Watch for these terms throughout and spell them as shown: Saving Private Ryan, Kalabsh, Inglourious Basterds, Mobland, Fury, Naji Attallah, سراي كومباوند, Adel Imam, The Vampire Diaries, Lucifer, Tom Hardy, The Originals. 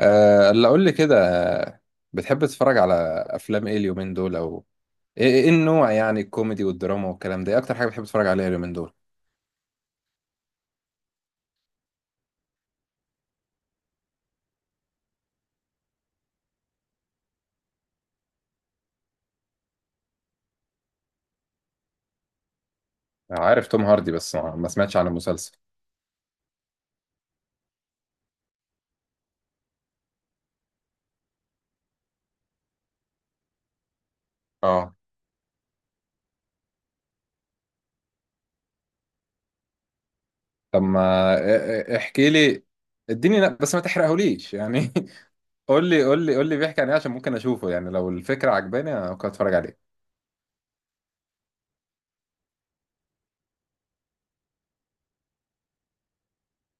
أه اللي اقول لي كده بتحب تتفرج على افلام ايه اليومين دول او إيه النوع يعني الكوميدي والدراما والكلام ده ايه اكتر حاجه بتحب تتفرج عليها اليومين دول. عارف توم هاردي، بس ما سمعتش عن المسلسل. اه، طب ما احكي لي. اديني بس ما تحرقهوليش يعني قول لي قول لي قول لي بيحكي عن ايه عشان ممكن اشوفه، يعني لو الفكره عجباني أنا ممكن اتفرج عليه.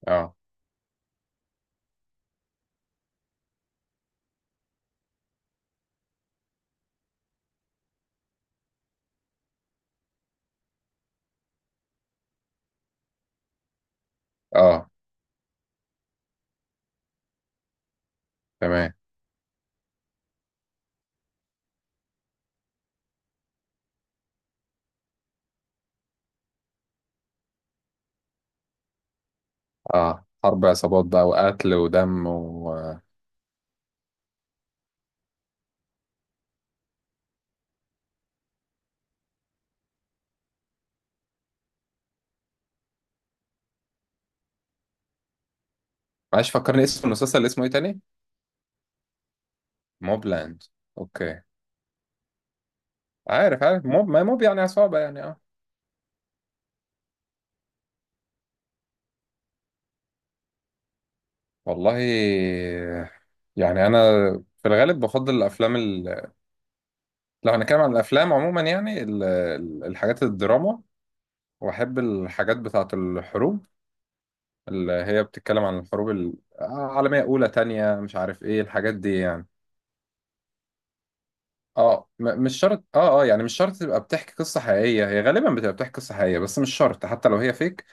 اه. اه. تمام. اه، حرب عصابات بقى وقتل ودم و... معلش فكرني، اسم المسلسل اسمه ايه تاني؟ موبلاند. اوكي. عارف عارف، موب ما موب يعني عصابة يعني، اه. والله يعني انا في الغالب بفضل الافلام لو هنتكلم عن الافلام عموما، يعني الحاجات الدراما. واحب الحاجات بتاعة الحروب، اللي هي بتتكلم عن الحروب العالمية اولى تانية، مش عارف ايه الحاجات دي يعني. اه، مش شرط، اه اه يعني مش شرط تبقى بتحكي قصة حقيقية، هي غالبا بتبقى بتحكي قصة حقيقية، بس مش شرط حتى لو هي فيك.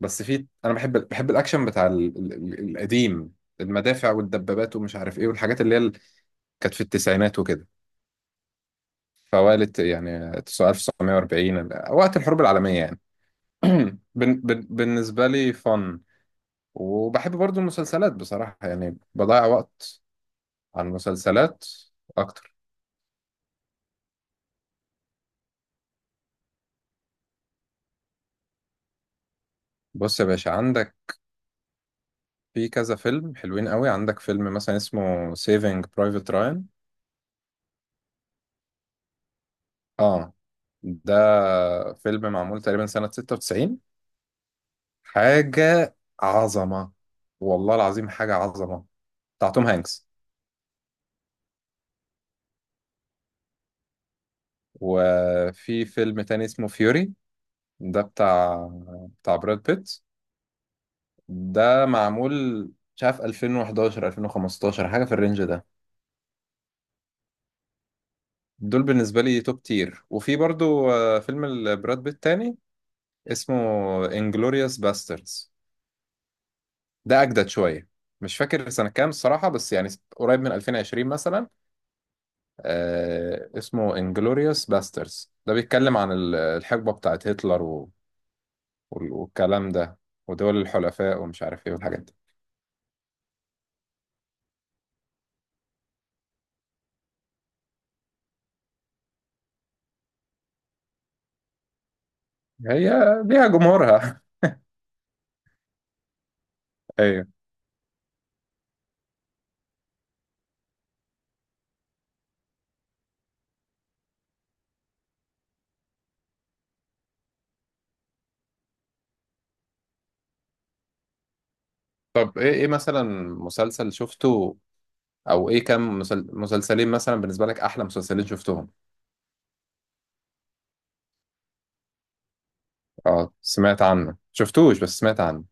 بس في انا بحب الاكشن بتاع القديم، المدافع والدبابات ومش عارف ايه، والحاجات اللي هي كانت في التسعينات وكده. فوالة يعني 1940 وقت الحروب العالمية يعني. بالنسبة لي فن. وبحب برضو المسلسلات بصراحة، يعني بضيع وقت على المسلسلات اكتر. بص يا باشا، عندك في كذا فيلم حلوين قوي. عندك فيلم مثلا اسمه سيفينج برايفت راين. اه، ده فيلم معمول تقريبا سنة 96. حاجة عظمة، والله العظيم حاجة عظمة، بتاع توم هانكس. وفي فيلم تاني اسمه فيوري، ده بتاع براد بيت. ده معمول مش عارف 2011 2015، حاجة في الرينج ده. دول بالنسبة لي توب تير. وفي برضو فيلم براد بيت تاني اسمه انجلوريوس باستردز، ده أجدد شوية، مش فاكر سنة كام الصراحة بس يعني قريب من 2020 مثلا. اسمه انجلوريوس باسترز، ده بيتكلم عن الحقبة بتاعت هتلر والكلام ده، ودول الحلفاء ومش عارف ايه والحاجات دي. هي ليها جمهورها. ايوه. طب ايه ايه مثلا مسلسل شفته، او ايه كام مسلسلين مثلا بالنسبة لك احلى مسلسلين شفتهم؟ اه سمعت عنه، شفتوش بس سمعت عنه.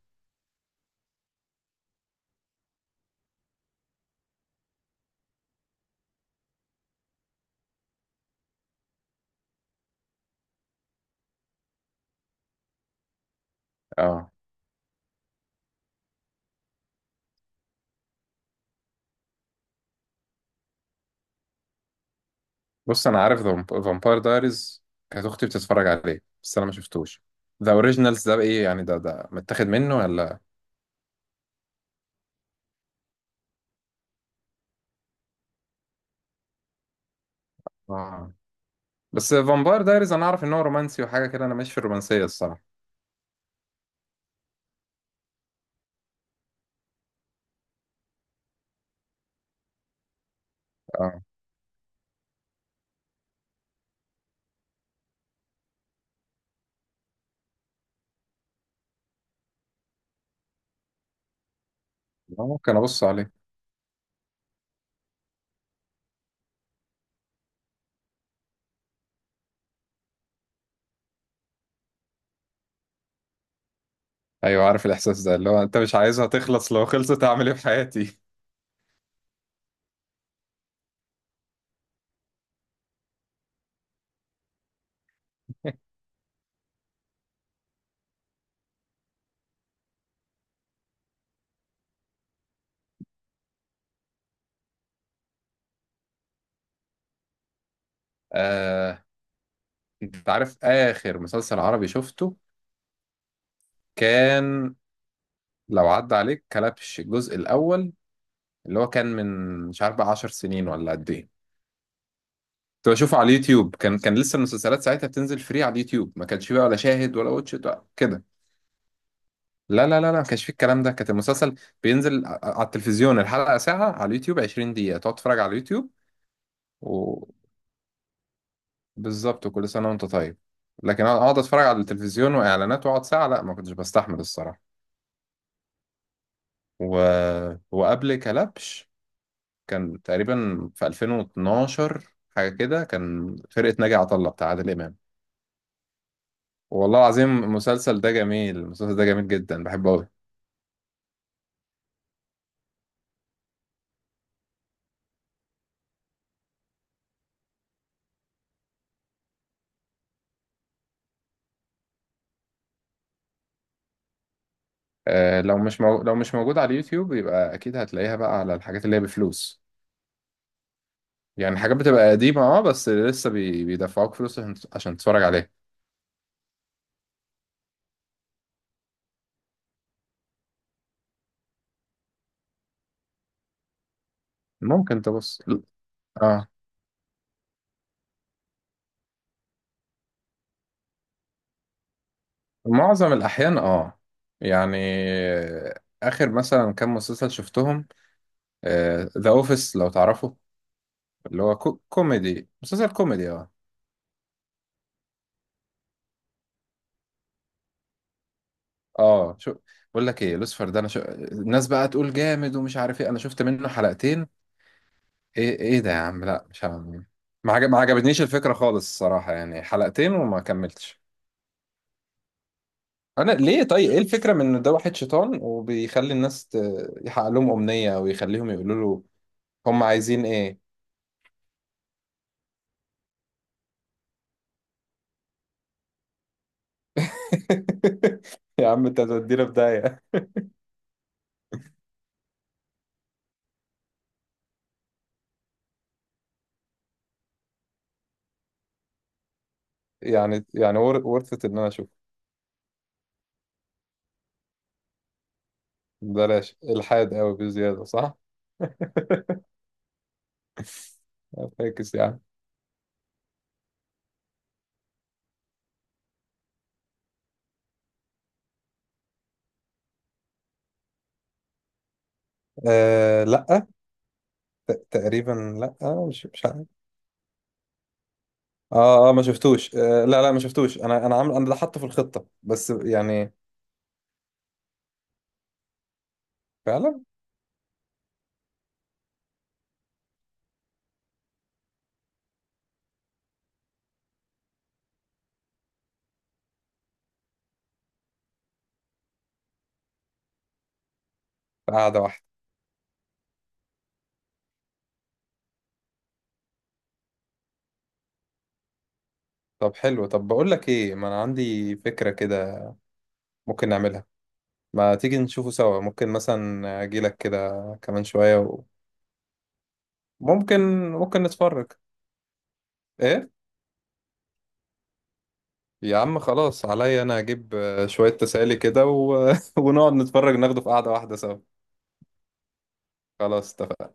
اه. بص انا عارف فامباير دايريز، كانت اختي بتتفرج عليه بس انا ما شفتوش. ذا اوريجينالز ده ايه يعني؟ ده ده متاخد منه ولا؟ اه بس فامباير دايريز انا اعرف ان هو رومانسي وحاجه كده، انا ماشي في الرومانسيه الصراحه. اه. ممكن ابص عليه. ايوه عارف الاحساس ده، اللي هو انت مش عايزها تخلص، لو خلصت اعمل ايه في حياتي. آه. انت عارف اخر مسلسل عربي شفته كان؟ لو عدى عليك كلبش الجزء الاول، اللي هو كان من مش عارف بقى 10 سنين ولا قد ايه. كنت بشوفه على اليوتيوب، كان لسه المسلسلات ساعتها بتنزل فري على اليوتيوب، ما كانش فيه بقى ولا شاهد ولا واتش إت ولا كده. لا ما كانش فيه الكلام ده، كانت المسلسل بينزل على التلفزيون الحلقة ساعة، على اليوتيوب 20 دقيقة تقعد تتفرج على اليوتيوب. وبالظبط، وكل سنة وانت طيب. لكن أنا اقعد اتفرج على التلفزيون واعلانات واقعد ساعة، لا ما كنتش بستحمل الصراحة. و... وقبل كلبش كان تقريبا في 2012 حاجة كده، كان فرقة ناجي عطا الله بتاع عادل إمام. والله العظيم المسلسل ده جميل، المسلسل ده جميل جدا، بحبه أوي. لو مش لو مش موجود على اليوتيوب يبقى أكيد هتلاقيها بقى على الحاجات اللي هي بفلوس. يعني حاجات بتبقى قديمة، اه، بس لسه بيدفعوك فلوس عشان عشان تتفرج عليها. ممكن تبص. اه. معظم الأحيان اه يعني. آخر مثلا كام مسلسل شفتهم؟ ذا أوفيس لو تعرفه، اللي هو كوميدي، مسلسل كوميدي اه. اه شو. بقول لك ايه، لوسيفر ده انا الناس بقى تقول جامد ومش عارف ايه، انا شفت منه حلقتين. ايه ايه ده يا عم، لا مش عارف. ما ما عجبتنيش الفكرة خالص الصراحة يعني، حلقتين وما كملتش. انا ليه طيب ايه الفكره من ان ده واحد شيطان وبيخلي الناس يحقق لهم امنيه او يخليهم يقولوا له هم عايزين ايه؟ يا عم انت هتودينا في داهيه. يعني ورثة ان انا اشوف. بلاش الحاد قوي بزياده، صح. فاكس يعني. آه لا. تقريبا لا، مش عارف. اه اه ما شفتوش، آه لا لا ما شفتوش، انا انا عامل، انا ده حاطه في الخطه بس يعني. فعلا. قاعده واحده. طب حلو، طب بقول لك ايه، ما انا عندي فكره كده ممكن نعملها. ما تيجي نشوفه سوا، ممكن مثلا اجيلك كده كمان شوية و... ممكن ممكن نتفرج. ايه يا عم خلاص عليا انا، اجيب شوية تسالي كده و... ونقعد نتفرج، ناخده في قعدة واحدة سوا. خلاص اتفقنا.